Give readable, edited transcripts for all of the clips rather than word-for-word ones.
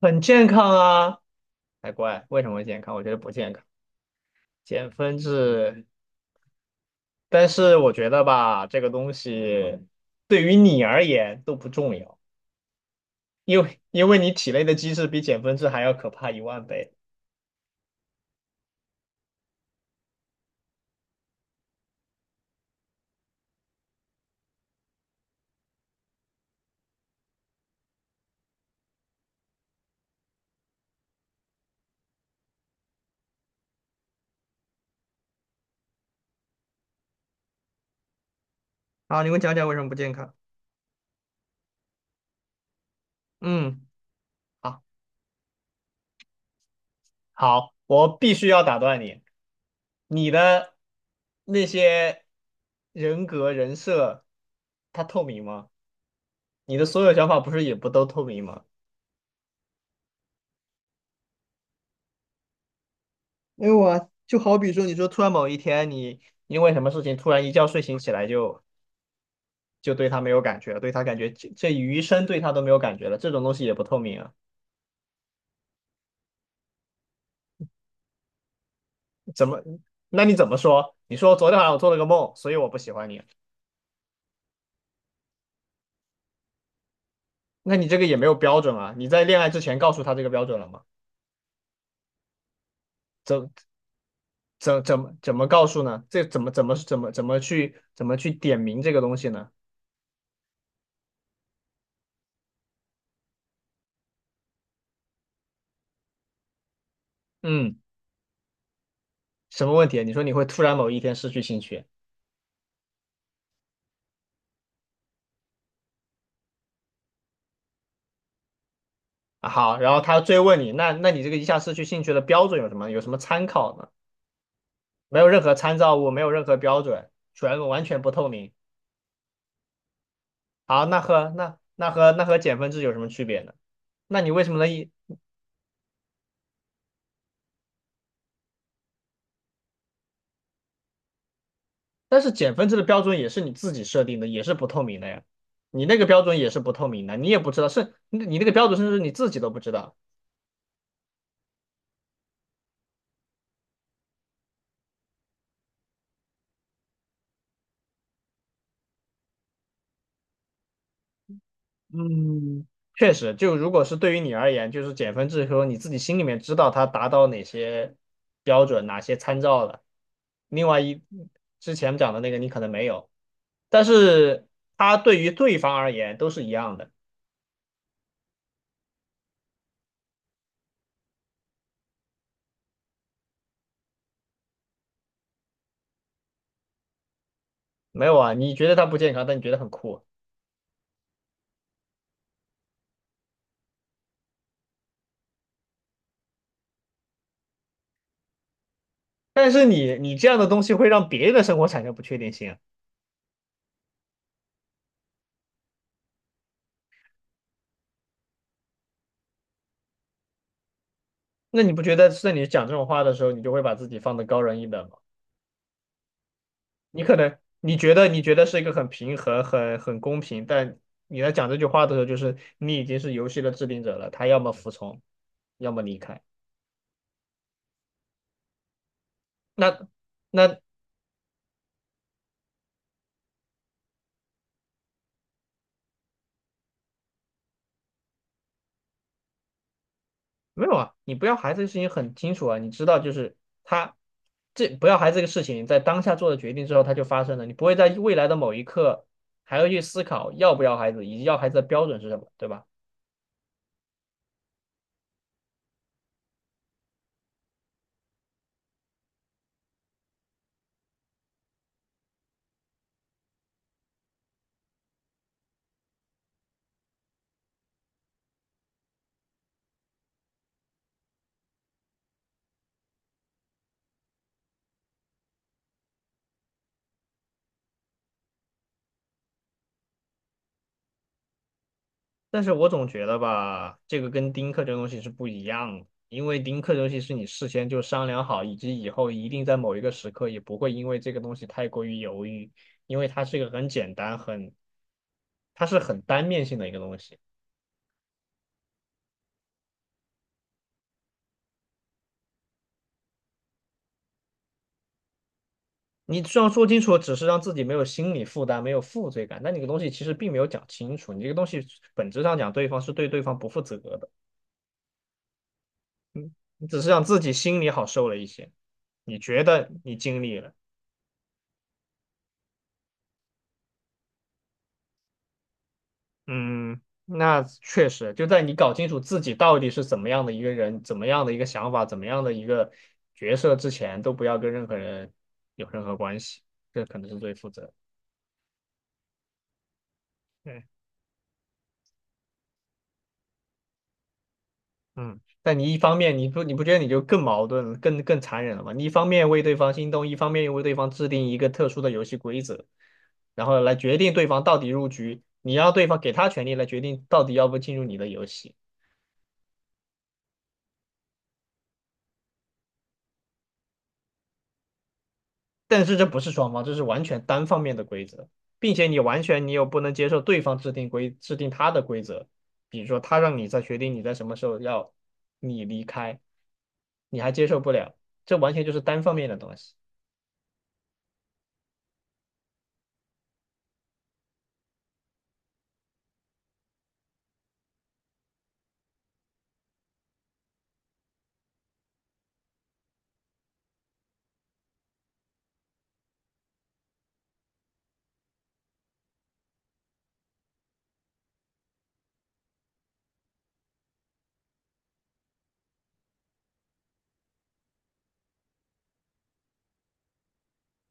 很健康啊，才怪！为什么健康？我觉得不健康，减分制。但是我觉得吧，这个东西对于你而言都不重要，因为你体内的机制比减分制还要可怕一万倍。好，你给我讲讲为什么不健康？嗯，好，好，我必须要打断你。你的那些人格人设，它透明吗？你的所有想法不是也不都透明吗？没有啊，就好比说，你说突然某一天你因为什么事情突然一觉睡醒起来就对他没有感觉了，对他感觉这余生对他都没有感觉了，这种东西也不透明啊。怎么？那你怎么说？你说昨天晚上我做了个梦，所以我不喜欢你。那你这个也没有标准啊。你在恋爱之前告诉他这个标准了吗？怎怎么告诉呢？这怎么去点明这个东西呢？嗯，什么问题啊？你说你会突然某一天失去兴趣？啊好，然后他追问你，那你这个一下失去兴趣的标准有什么？有什么参考呢？没有任何参照物，没有任何标准，完全不透明。好，那和那和减分制有什么区别呢？那你为什么能一？但是减分制的标准也是你自己设定的，也是不透明的呀。你那个标准也是不透明的，你也不知道，是你那个标准甚至你自己都不知道。嗯，确实，就如果是对于你而言，就是减分制说你自己心里面知道它达到哪些标准、哪些参照了。另外一之前讲的那个你可能没有，但是它对于对方而言都是一样的。没有啊，你觉得它不健康，但你觉得很酷。但是你这样的东西会让别人的生活产生不确定性啊那你不觉得在你讲这种话的时候，你就会把自己放得高人一等吗？你可能你觉得是一个很平衡、很公平，但你在讲这句话的时候，就是你已经是游戏的制定者了，他要么服从，要么离开。那那没有啊，你不要孩子的事情很清楚啊，你知道就是他这不要孩子这个事情在当下做的决定之后，它就发生了，你不会在未来的某一刻还要去思考要不要孩子，以及要孩子的标准是什么，对吧？但是我总觉得吧，这个跟丁克这个东西是不一样的，因为丁克这东西是你事先就商量好，以及以后一定在某一个时刻也不会因为这个东西太过于犹豫，因为它是一个很简单、它是很单面性的一个东西。你虽然说清楚，只是让自己没有心理负担、没有负罪感，但你这个东西其实并没有讲清楚。你这个东西本质上讲，对方是对对方不负责的，你只是让自己心里好受了一些。你觉得你尽力了，嗯，那确实，就在你搞清楚自己到底是怎么样的一个人，怎么样的一个想法，怎么样的一个角色之前，都不要跟任何人有任何关系，这可能是最负责。对，嗯，但你一方面，你不觉得你就更矛盾了更残忍了吗？你一方面为对方心动，一方面又为对方制定一个特殊的游戏规则，然后来决定对方到底入局，你要对方给他权利来决定到底要不进入你的游戏。但是这不是双方，这是完全单方面的规则，并且你完全你又不能接受对方制定他的规则，比如说他让你在决定你在什么时候要你离开，你还接受不了，这完全就是单方面的东西。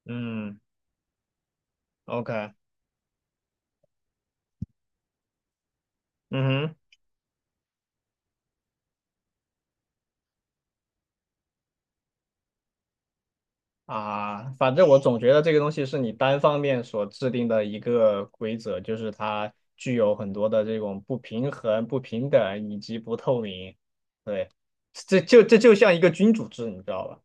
嗯，OK，嗯哼，啊，反正我总觉得这个东西是你单方面所制定的一个规则，就是它具有很多的这种不平衡、不平等以及不透明。对，这就像一个君主制，你知道吧？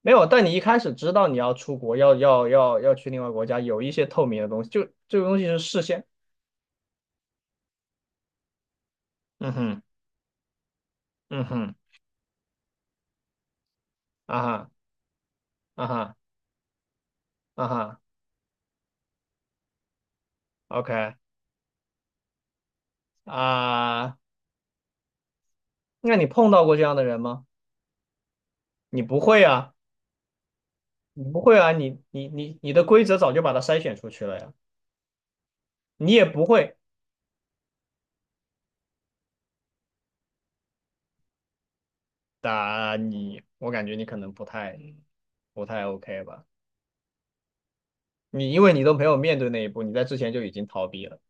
没有，但你一开始知道你要出国，要去另外国家，有一些透明的东西，就这个东西是事先。嗯哼，嗯哼，啊哈，啊哈，啊哈，OK 啊，那你碰到过这样的人吗？你不会啊，你不会啊，你的规则早就把它筛选出去了呀，你也不会，打你我感觉你可能不太 OK 吧，你因为你都没有面对那一步，你在之前就已经逃避了。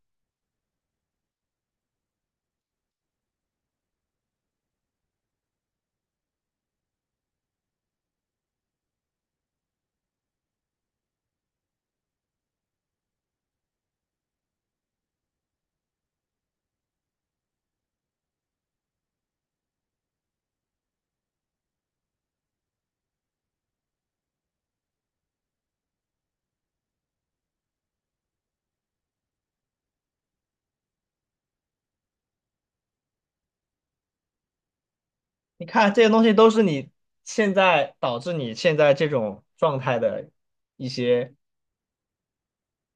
你看这些东西都是你现在导致你现在这种状态的一些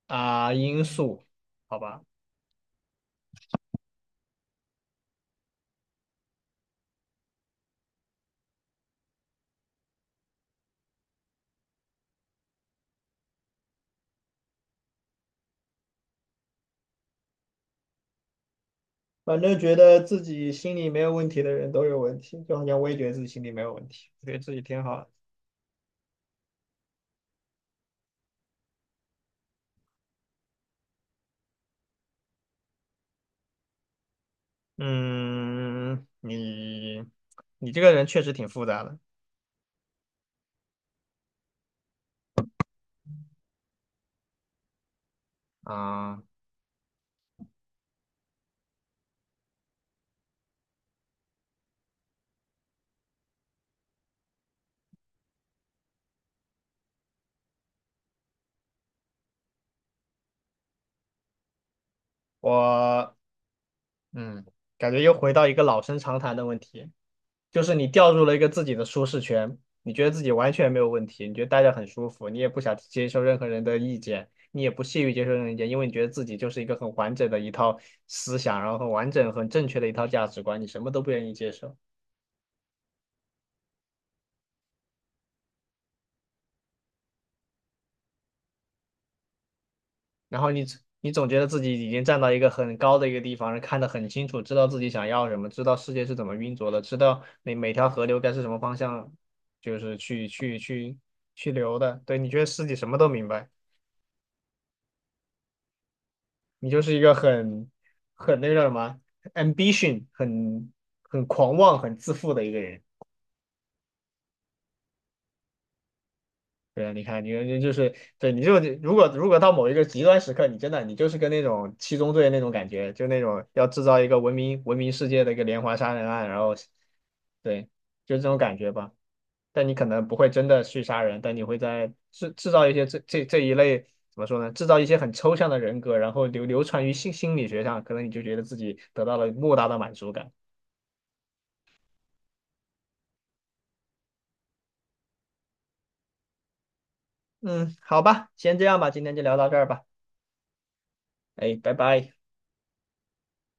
啊、因素，好吧？反正觉得自己心里没有问题的人都有问题，就好像我也觉得自己心里没有问题，我觉得自己挺好的。嗯，你这个人确实挺复杂的啊、我嗯，感觉又回到一个老生常谈的问题，就是你掉入了一个自己的舒适圈，你觉得自己完全没有问题，你觉得待着很舒服，你也不想接受任何人的意见，你也不屑于接受任何意见，因为你觉得自己就是一个很完整的一套思想，然后很完整、很正确的一套价值观，你什么都不愿意接受，然后你总觉得自己已经站到一个很高的一个地方，看得很清楚，知道自己想要什么，知道世界是怎么运作的，知道每条河流该是什么方向，就是去流的，对，你觉得自己什么都明白。你就是一个很那个叫什么啊 ambition，很狂妄、很自负的一个人。对啊，你看，你就是对，你就如果到某一个极端时刻，你真的你就是跟那种七宗罪那种感觉，就那种要制造一个文明世界的一个连环杀人案，然后对，就这种感觉吧。但你可能不会真的去杀人，但你会在制造一些这一类怎么说呢？制造一些很抽象的人格，然后流传于心理学上，可能你就觉得自己得到了莫大的满足感。嗯，好吧，先这样吧，今天就聊到这儿吧。哎，拜拜。